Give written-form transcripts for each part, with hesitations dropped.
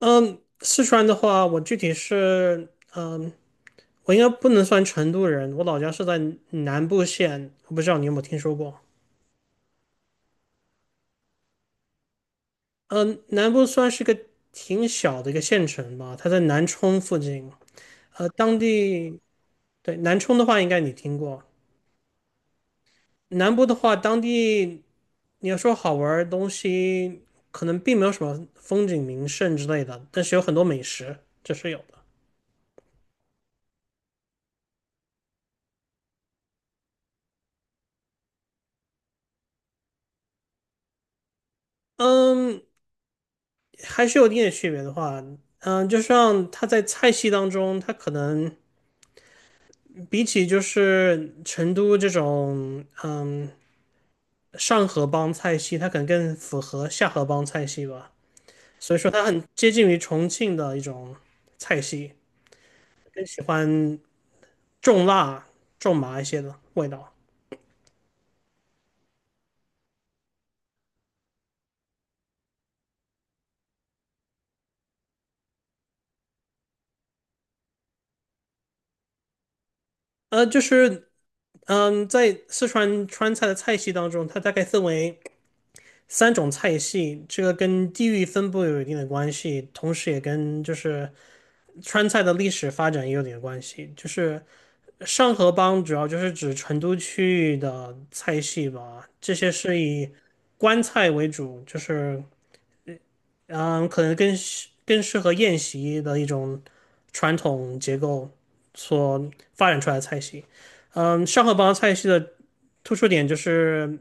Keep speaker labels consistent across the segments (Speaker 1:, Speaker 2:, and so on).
Speaker 1: 嗯，四川的话，我具体是，嗯，我应该不能算成都人，我老家是在南部县，我不知道你有没有听说过。嗯，南部算是个挺小的一个县城吧，它在南充附近。当地，对，南充的话应该你听过，南部的话，当地你要说好玩儿的东西，可能并没有什么风景名胜之类的，但是有很多美食，这是有的。嗯，还是有一点区别的话，就像它在菜系当中，它可能比起就是成都这种，上河帮菜系，它可能更符合下河帮菜系吧。所以说它很接近于重庆的一种菜系，更喜欢重辣、重麻一些的味道。就是在四川川菜的菜系当中，它大概分为三种菜系，这个跟地域分布有一定的关系，同时也跟就是川菜的历史发展也有点关系，就是上河帮主要就是指成都区域的菜系吧，这些是以官菜为主，就是嗯，可能更适合宴席的一种传统结构所发展出来的菜系。嗯，上河帮菜系的突出点就是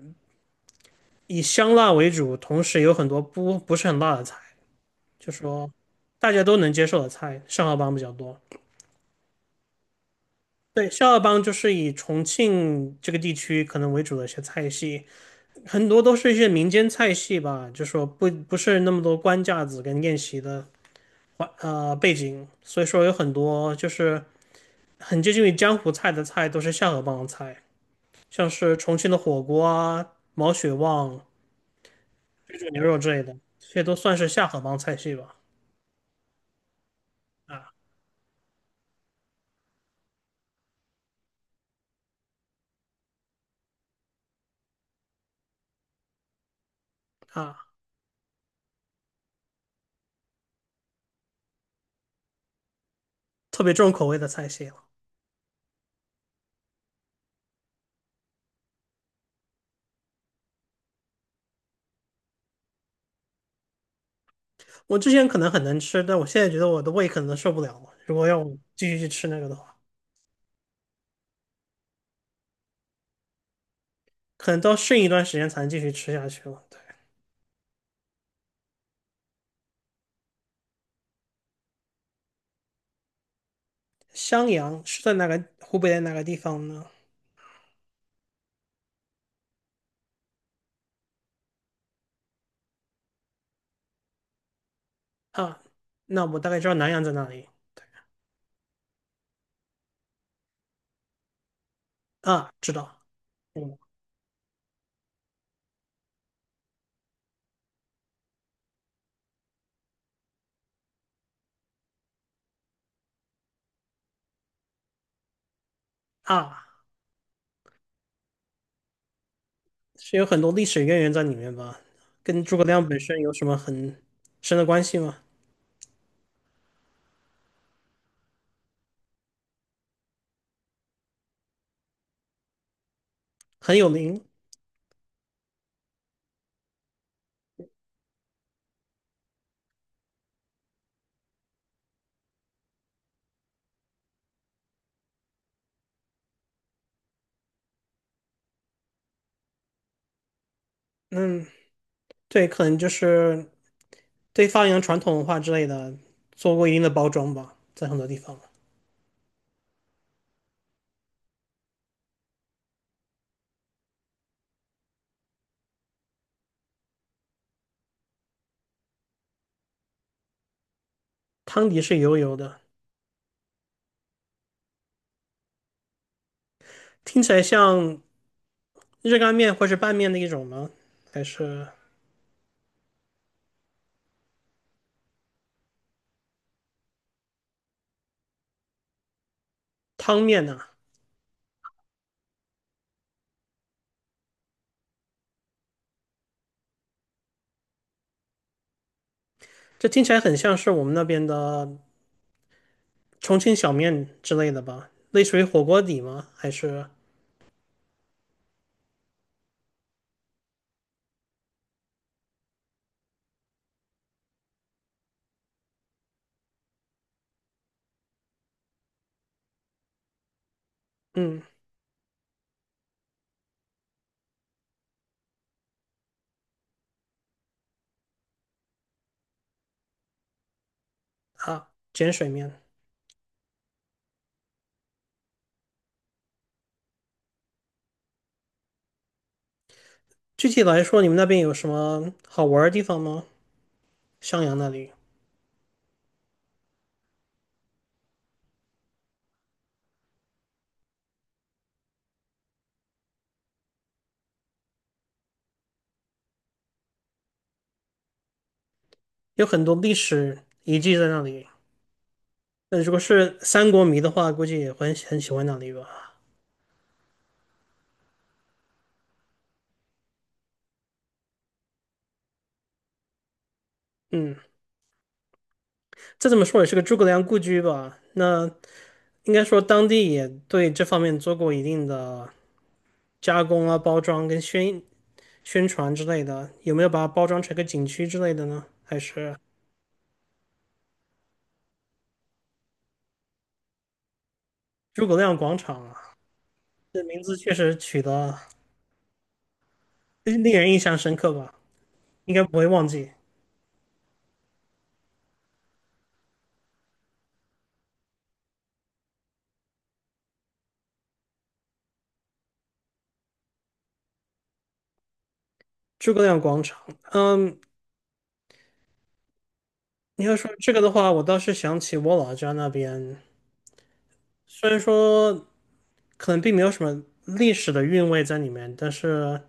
Speaker 1: 以香辣为主，同时有很多不是很辣的菜，就是说大家都能接受的菜，上河帮比较多。对，下河帮就是以重庆这个地区可能为主的一些菜系，很多都是一些民间菜系吧，就说不是那么多官架子跟宴席的背景，所以说有很多就是很接近于江湖菜的菜都是下河帮菜，像是重庆的火锅啊、毛血旺、水煮牛肉之类的，这些都算是下河帮菜系吧。啊啊，特别重口味的菜系了。我之前可能很能吃，但我现在觉得我的胃可能受不了了。如果要我继续去吃那个的话。可能都应一段时间才能继续吃下去了。对，襄阳是在哪个湖北的哪个地方呢？啊，那我大概知道南阳在哪里。啊，知道。啊，是有很多历史渊源在里面吧？跟诸葛亮本身有什么很深的关系吗？很有名，嗯，对，可能就是对发扬传统文化之类的做过一定的包装吧，在很多地方。汤底是油油的，听起来像热干面或是拌面的一种吗？还是汤面呢、这听起来很像是我们那边的重庆小面之类的吧？类似于火锅底吗？还是嗯啊碱水面？具体来说，你们那边有什么好玩的地方吗？襄阳那里有很多历史遗迹在那里。那如果是三国迷的话，估计也会很喜欢那里吧。嗯，再怎么说也是个诸葛亮故居吧。那应该说当地也对这方面做过一定的加工啊、包装跟宣传之类的，有没有把它包装成个景区之类的呢？还是诸葛亮广场啊？这名字确实取得令人印象深刻吧？应该不会忘记诸葛亮广场。嗯，你要说这个的话，我倒是想起我老家那边，虽然说可能并没有什么历史的韵味在里面，但是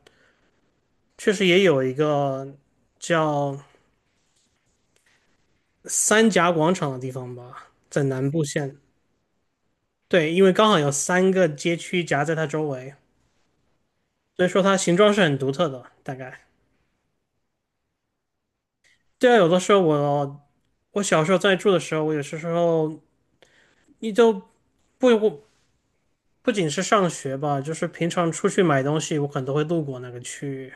Speaker 1: 确实也有一个叫三峡广场的地方吧，在南部县。对，因为刚好有三个街区夹在它周围。所以说它形状是很独特的。大概对啊，有的时候我我小时候在住的时候，我有些时候你就不不不仅是上学吧，就是平常出去买东西，我可能都会路过那个区域，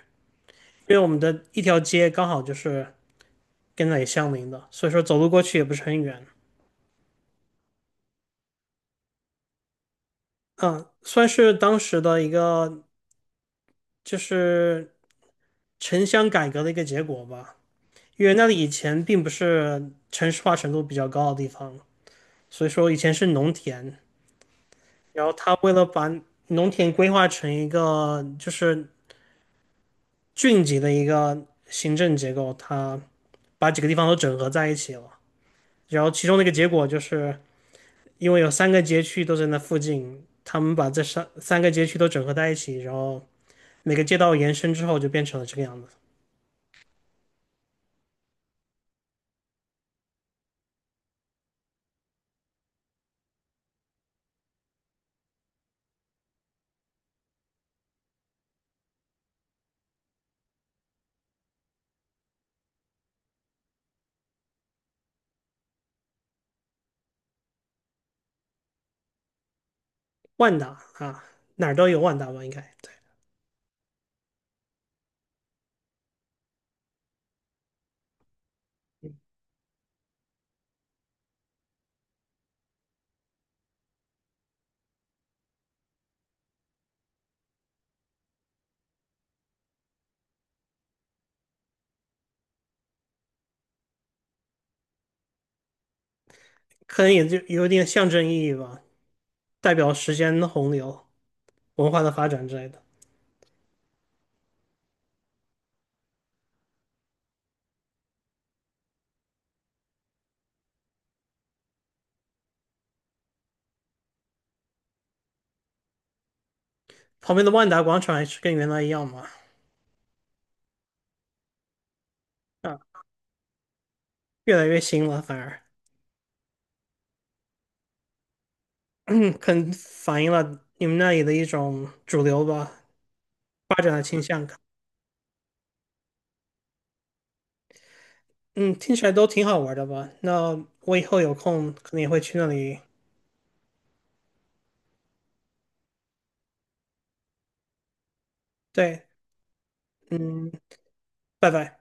Speaker 1: 因为我们的一条街刚好就是跟那里相邻的，所以说走路过去也不是很远。嗯，算是当时的一个就是城乡改革的一个结果吧，因为那里以前并不是城市化程度比较高的地方，所以说以前是农田，然后他为了把农田规划成一个就是郡级的一个行政结构，他把几个地方都整合在一起了。然后其中的一个结果就是，因为有三个街区都在那附近，他们把这三个街区都整合在一起，然后每个街道延伸之后就变成了这个样子。万达啊，哪儿都有万达吧？应该对，可能也就有点象征意义吧，代表时间的洪流、文化的发展之类的。旁边的万达广场还是跟原来一样嘛？啊，越来越新了，反而 可能反映了你们那里的一种主流吧，发展的倾向感。嗯，听起来都挺好玩的吧？那我以后有空可能也会去那里。对，嗯，拜拜。